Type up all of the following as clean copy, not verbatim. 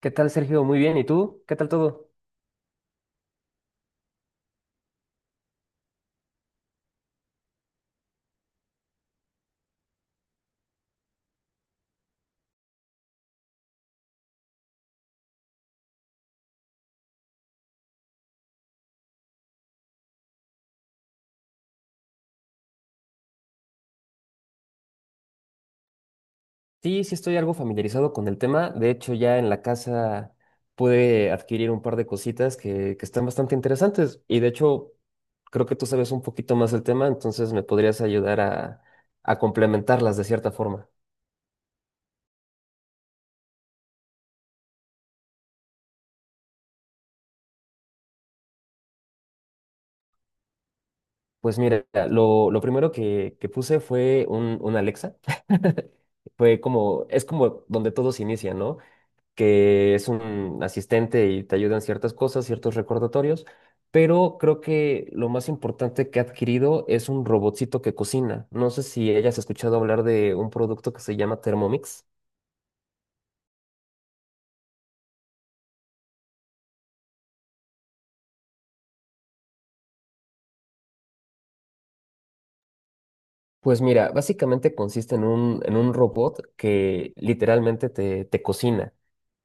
¿Qué tal, Sergio? Muy bien. ¿Y tú? ¿Qué tal todo? Sí, sí estoy algo familiarizado con el tema. De hecho, ya en la casa pude adquirir un par de cositas que están bastante interesantes. Y de hecho, creo que tú sabes un poquito más del tema, entonces me podrías ayudar a complementarlas de cierta forma. Pues mira, lo primero que puse fue un Alexa. Fue como, es como donde todos inician, ¿no? Que es un asistente y te ayuda en ciertas cosas, ciertos recordatorios, pero creo que lo más importante que ha adquirido es un robotcito que cocina. No sé si hayas escuchado hablar de un producto que se llama Thermomix. Pues mira, básicamente consiste en un robot que literalmente te cocina.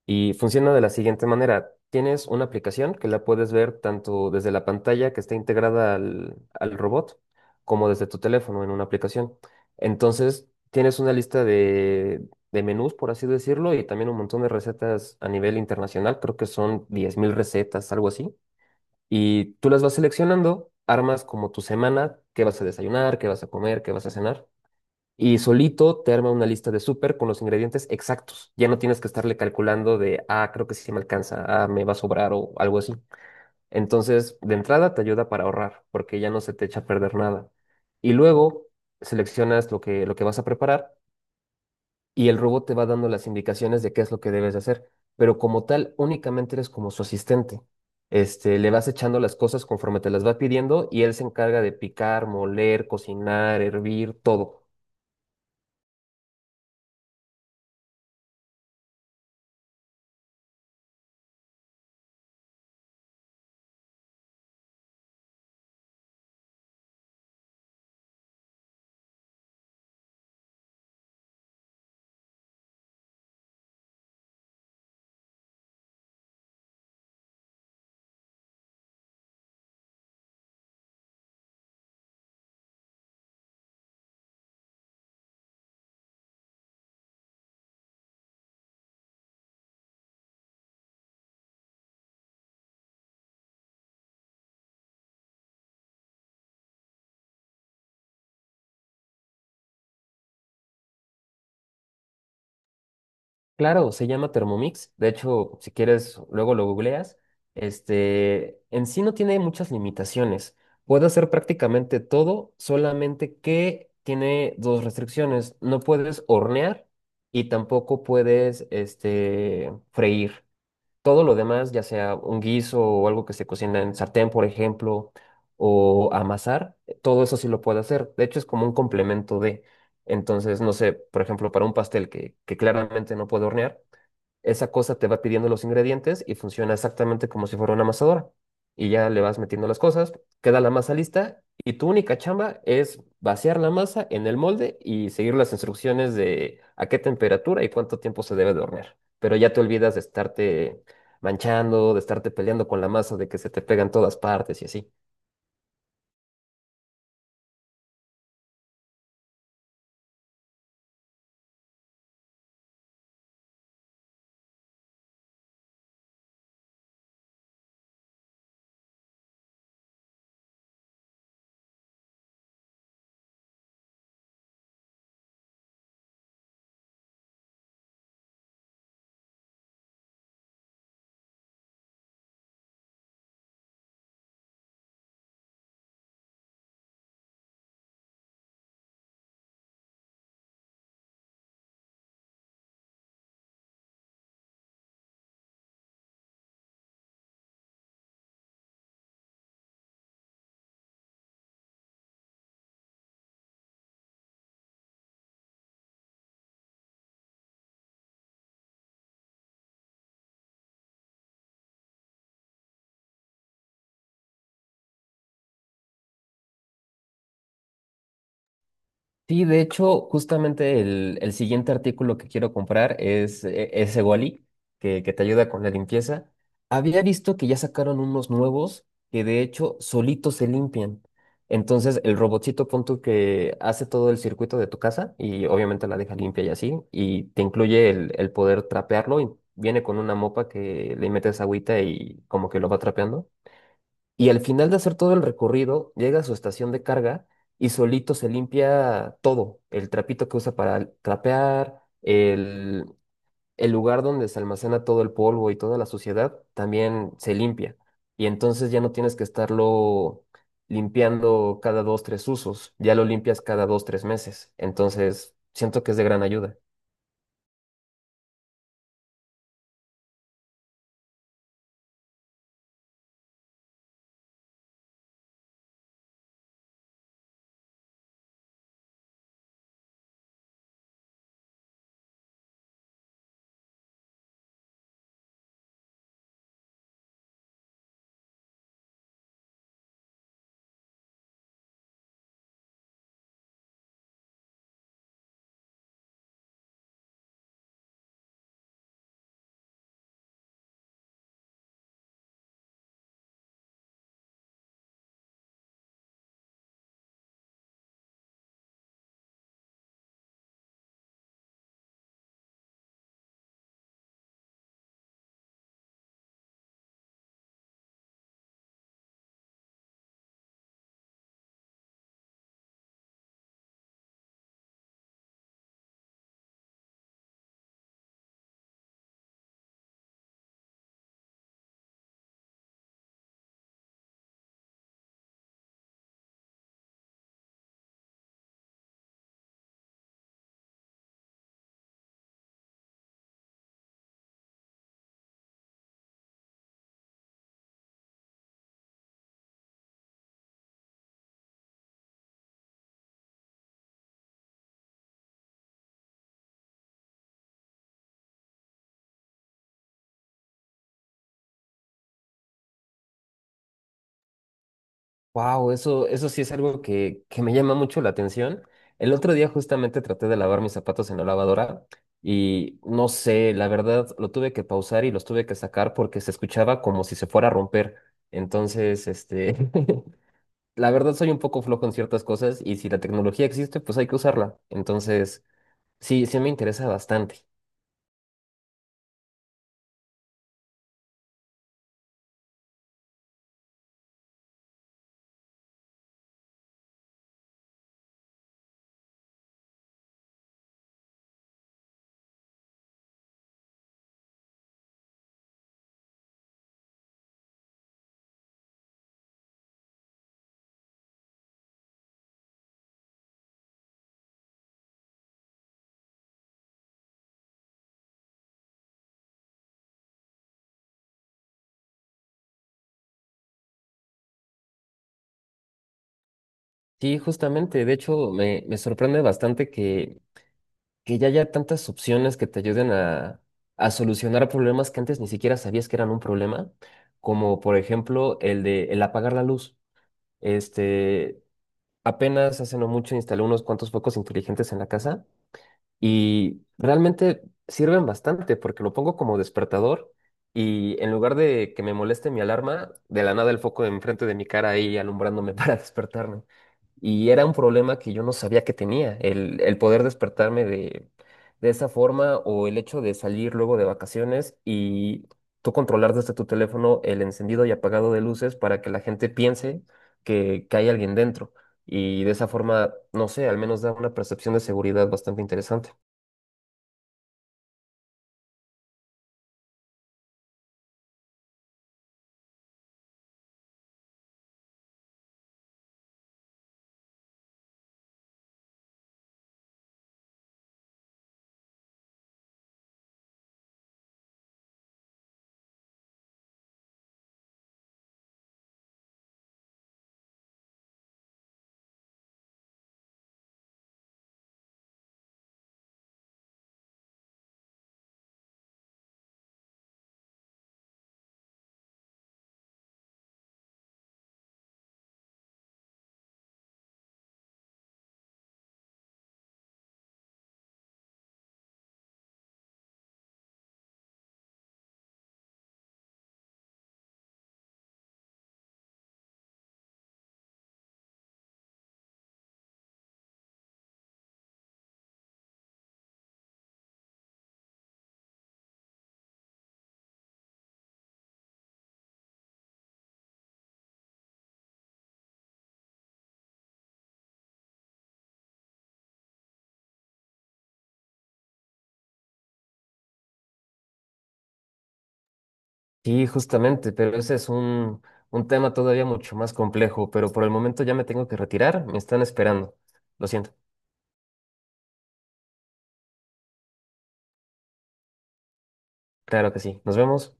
Y funciona de la siguiente manera. Tienes una aplicación que la puedes ver tanto desde la pantalla que está integrada al robot como desde tu teléfono en una aplicación. Entonces, tienes una lista de menús, por así decirlo, y también un montón de recetas a nivel internacional. Creo que son 10.000 recetas, algo así. Y tú las vas seleccionando, armas como tu semana, qué vas a desayunar, qué vas a comer, qué vas a cenar. Y solito te arma una lista de súper con los ingredientes exactos. Ya no tienes que estarle calculando de, ah, creo que sí me alcanza, ah, me va a sobrar o algo así. Entonces, de entrada te ayuda para ahorrar, porque ya no se te echa a perder nada. Y luego seleccionas lo que vas a preparar y el robot te va dando las indicaciones de qué es lo que debes de hacer. Pero como tal, únicamente eres como su asistente. Este, le vas echando las cosas conforme te las va pidiendo y él se encarga de picar, moler, cocinar, hervir, todo. Claro, se llama Thermomix. De hecho, si quieres, luego lo googleas. Este, en sí no tiene muchas limitaciones. Puede hacer prácticamente todo, solamente que tiene dos restricciones. No puedes hornear y tampoco puedes, este, freír. Todo lo demás, ya sea un guiso o algo que se cocina en sartén, por ejemplo, o amasar, todo eso sí lo puede hacer. De hecho, es como un complemento de. Entonces, no sé, por ejemplo, para un pastel que claramente no puedo hornear, esa cosa te va pidiendo los ingredientes y funciona exactamente como si fuera una amasadora. Y ya le vas metiendo las cosas, queda la masa lista y tu única chamba es vaciar la masa en el molde y seguir las instrucciones de a qué temperatura y cuánto tiempo se debe de hornear. Pero ya te olvidas de estarte manchando, de estarte peleando con la masa, de que se te pegan todas partes y así. Sí, de hecho, justamente el siguiente artículo que quiero comprar es ese Wally, que te ayuda con la limpieza. Había visto que ya sacaron unos nuevos que de hecho solitos se limpian. Entonces, el robotcito punto que hace todo el circuito de tu casa y obviamente la deja limpia y así, y te incluye el poder trapearlo y viene con una mopa que le metes agüita y como que lo va trapeando y al final de hacer todo el recorrido, llega a su estación de carga y solito se limpia todo, el trapito que usa para trapear, el lugar donde se almacena todo el polvo y toda la suciedad, también se limpia. Y entonces ya no tienes que estarlo limpiando cada dos, tres usos, ya lo limpias cada dos, tres meses. Entonces, siento que es de gran ayuda. Wow, eso sí es algo que me llama mucho la atención. El otro día justamente traté de lavar mis zapatos en la lavadora y no sé, la verdad lo tuve que pausar y los tuve que sacar porque se escuchaba como si se fuera a romper. Entonces, este, la verdad soy un poco flojo en ciertas cosas y si la tecnología existe, pues hay que usarla. Entonces, sí, sí me interesa bastante. Sí, justamente, de hecho, me sorprende bastante que ya haya tantas opciones que te ayuden a solucionar problemas que antes ni siquiera sabías que eran un problema, como por ejemplo el de el apagar la luz. Este, apenas hace no mucho instalé unos cuantos focos inteligentes en la casa y realmente sirven bastante porque lo pongo como despertador y en lugar de que me moleste mi alarma, de la nada el foco enfrente de mi cara ahí alumbrándome para despertarme. Y era un problema que yo no sabía que tenía, el poder despertarme de esa forma o el hecho de salir luego de vacaciones y tú controlar desde tu teléfono el encendido y apagado de luces para que la gente piense que hay alguien dentro. Y de esa forma, no sé, al menos da una percepción de seguridad bastante interesante. Sí, justamente, pero ese es un tema todavía mucho más complejo, pero por el momento ya me tengo que retirar, me están esperando. Lo siento. Claro que sí. Nos vemos.